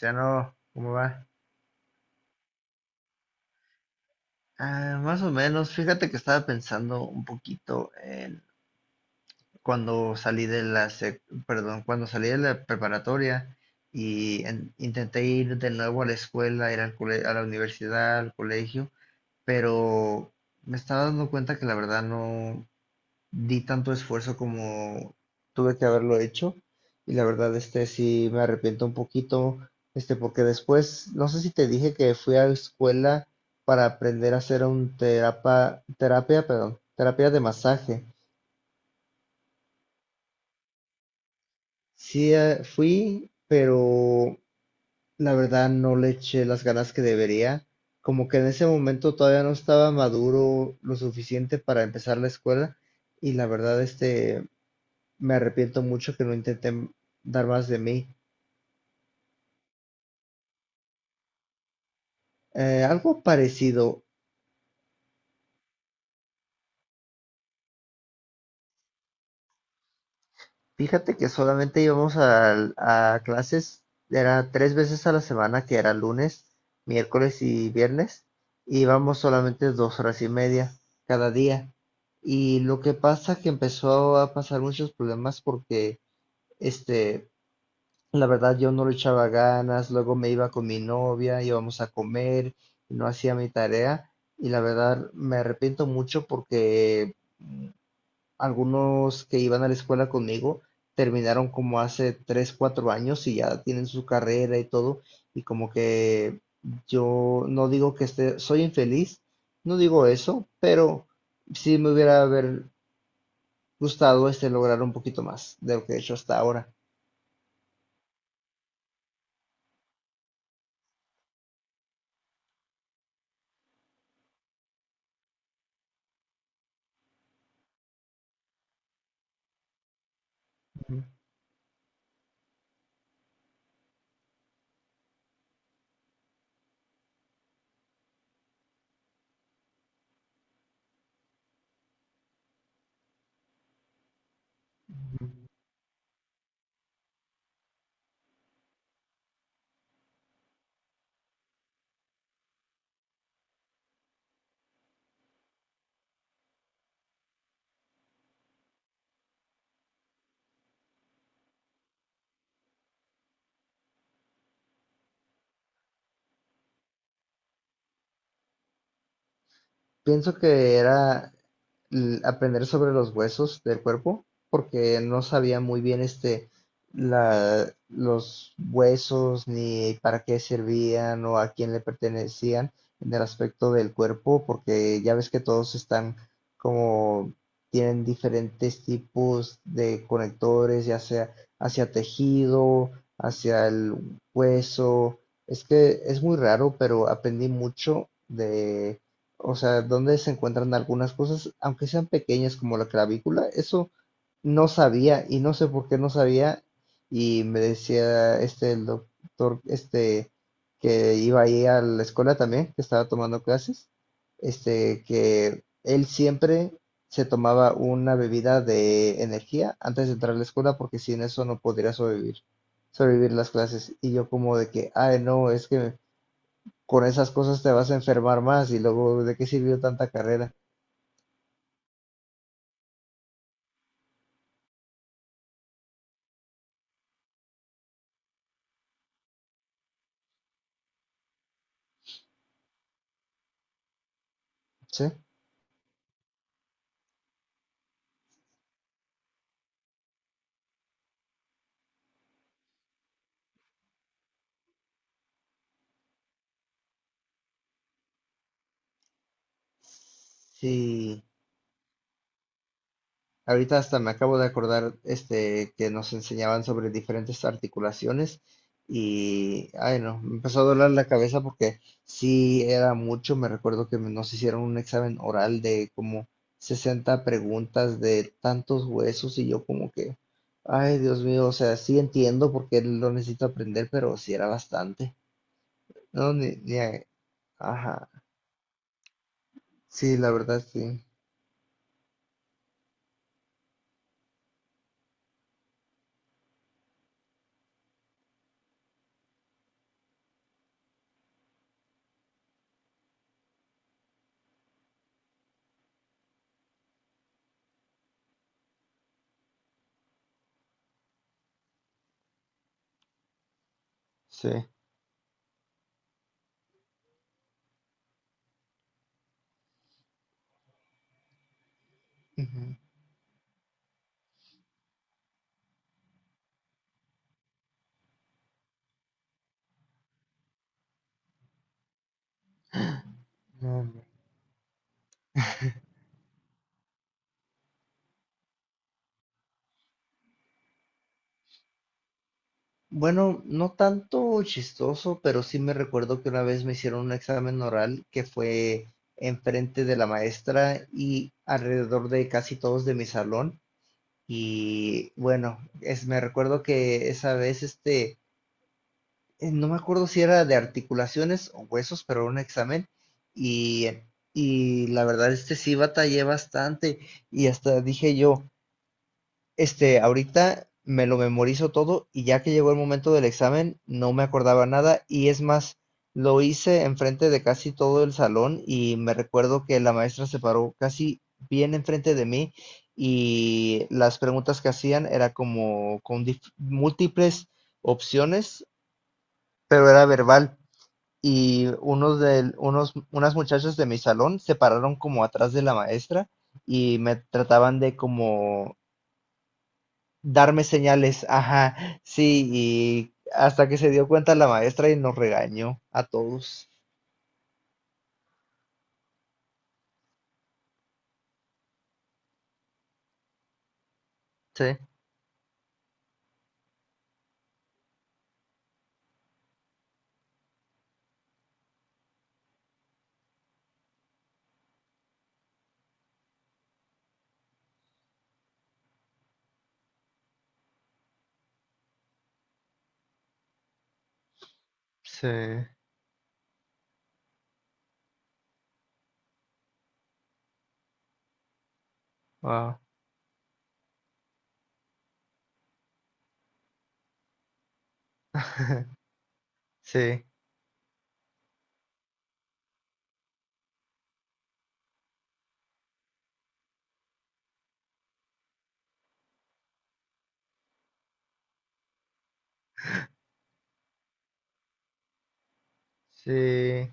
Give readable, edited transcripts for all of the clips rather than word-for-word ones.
Ya no, ¿cómo va? Ah, más o menos, fíjate que estaba pensando un poquito en cuando salí de la perdón, cuando salí de la preparatoria y intenté ir de nuevo a la escuela, ir al a la universidad, al colegio, pero me estaba dando cuenta que la verdad no, di tanto esfuerzo como tuve que haberlo hecho y la verdad sí me arrepiento un poquito porque después no sé si te dije que fui a la escuela para aprender a hacer un terapia, perdón, terapia de masaje. Sí, fui, pero la verdad no le eché las ganas que debería. Como que en ese momento todavía no estaba maduro lo suficiente para empezar la escuela y la verdad me arrepiento mucho que no intenté dar más de mí. Algo parecido. Fíjate que solamente íbamos a clases, era tres veces a la semana, que era lunes, miércoles y viernes, y íbamos solamente dos horas y media cada día. Y lo que pasa que empezó a pasar muchos problemas porque este la verdad, yo no le echaba ganas, luego me iba con mi novia, íbamos a comer, y no hacía mi tarea y la verdad me arrepiento mucho porque algunos que iban a la escuela conmigo terminaron como hace 3 4 años y ya tienen su carrera y todo y como que yo no digo que esté, soy infeliz, no digo eso, pero sí me hubiera haber gustado lograr un poquito más de lo que he hecho hasta ahora. Ujú. Pienso que era aprender sobre los huesos del cuerpo, porque no sabía muy bien la, los huesos ni para qué servían o a quién le pertenecían en el aspecto del cuerpo, porque ya ves que todos están como tienen diferentes tipos de conectores, ya sea hacia tejido, hacia el hueso. Es que es muy raro, pero aprendí mucho de, o sea, donde se encuentran algunas cosas, aunque sean pequeñas como la clavícula, eso no sabía y no sé por qué no sabía y me decía el doctor que iba ahí a la escuela también, que estaba tomando clases, que él siempre se tomaba una bebida de energía antes de entrar a la escuela porque sin eso no podría sobrevivir, sobrevivir las clases y yo como de que, ay no, es que con esas cosas te vas a enfermar más y luego, ¿de qué sirvió tanta carrera? Sí. Sí, ahorita hasta me acabo de acordar que nos enseñaban sobre diferentes articulaciones y ay no, me empezó a doler la cabeza porque sí era mucho, me recuerdo que nos hicieron un examen oral de como 60 preguntas de tantos huesos y yo como que ay Dios mío, o sea, sí entiendo porque lo necesito aprender, pero sí era bastante. No, ni, ni a- ajá. Sí, la verdad, sí. Sí. Ujú, no, no. Bueno, no tanto chistoso, pero sí me recuerdo que una vez me hicieron un examen oral que fue enfrente de la maestra y alrededor de casi todos de mi salón. Y bueno, es, me recuerdo que esa vez, no me acuerdo si era de articulaciones o huesos, pero era un examen. Y, y la verdad, sí batallé bastante. Y hasta dije yo, este, ahorita me lo memorizo todo y ya que llegó el momento del examen no me acordaba nada y es más, lo hice enfrente de casi todo el salón y me recuerdo que la maestra se paró casi bien enfrente de mí y las preguntas que hacían era como con múltiples opciones, pero era verbal y unas muchachas de mi salón se pararon como atrás de la maestra y me trataban de como darme señales, ajá, sí, y hasta que se dio cuenta la maestra y nos regañó a todos. Sí, sí, wow. Sí, sí,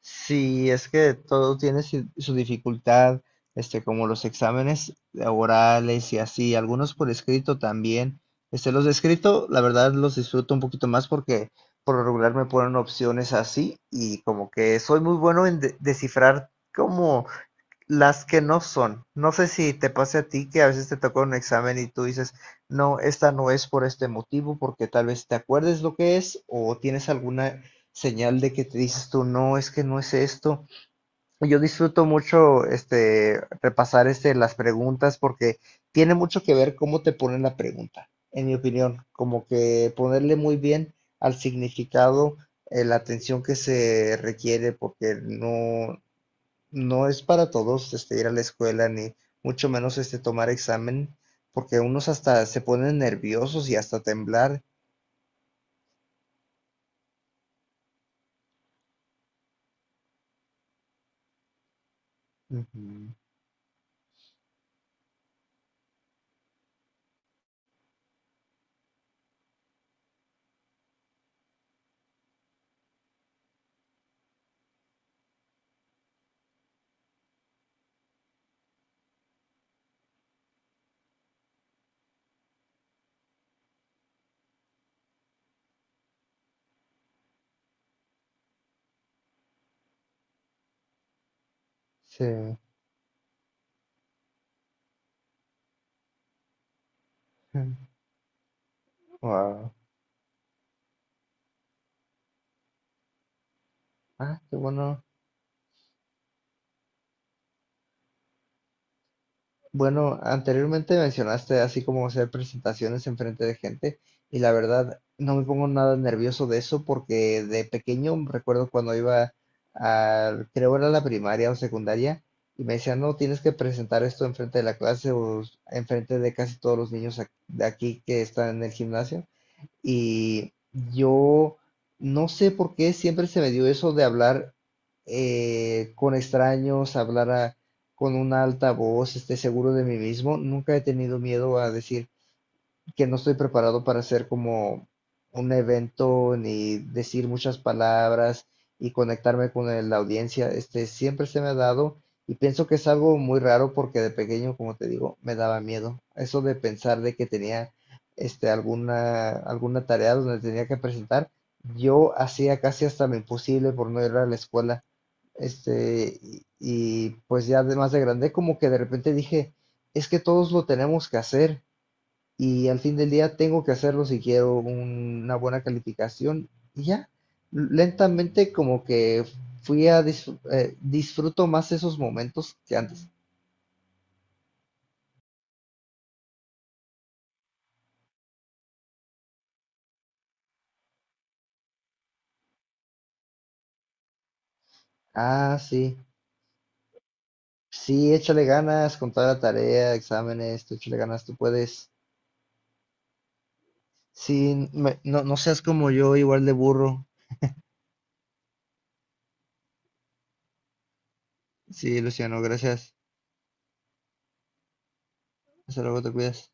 sí, es que todo tiene su dificultad, como los exámenes orales y así, algunos por escrito también. Los de escrito, la verdad, los disfruto un poquito más porque por lo regular me ponen opciones así y como que soy muy bueno en descifrar como las que no son. No sé si te pase a ti que a veces te toca un examen y tú dices, no, esta no es por este motivo, porque tal vez te acuerdes lo que es o tienes alguna señal de que te dices tú, no, es que no es esto. Yo disfruto mucho repasar las preguntas porque tiene mucho que ver cómo te ponen la pregunta, en mi opinión, como que ponerle muy bien al significado, la atención que se requiere porque no es para todos ir a la escuela, ni mucho menos tomar examen, porque unos hasta se ponen nerviosos y hasta temblar. Ujú, sí. Wow. Ah, qué bueno. Bueno, anteriormente mencionaste así como hacer presentaciones en frente de gente y la verdad no me pongo nada nervioso de eso porque de pequeño recuerdo cuando iba a, creo era la primaria o secundaria y me decían, no, tienes que presentar esto en frente de la clase o en frente de casi todos los niños de aquí que están en el gimnasio. Y yo no sé por qué siempre se me dio eso de hablar, con extraños, con una alta voz, esté seguro de mí mismo. Nunca he tenido miedo a decir que no estoy preparado para hacer como un evento ni decir muchas palabras y conectarme con la audiencia. Este, siempre se me ha dado y pienso que es algo muy raro porque de pequeño, como te digo, me daba miedo. Eso de pensar de que tenía alguna tarea donde tenía que presentar, yo hacía casi hasta lo imposible por no ir a la escuela. Y pues ya de más de grande, como que de repente dije, es que todos lo tenemos que hacer y al fin del día tengo que hacerlo si quiero una buena calificación y ya, lentamente como que disfruto más esos momentos que antes. Ah, sí, sí, échale ganas con toda la tarea, exámenes, tú échale ganas, tú puedes. Sí, no, no seas como yo, igual de burro. Sí, Luciano, gracias. Hasta luego, te cuidas.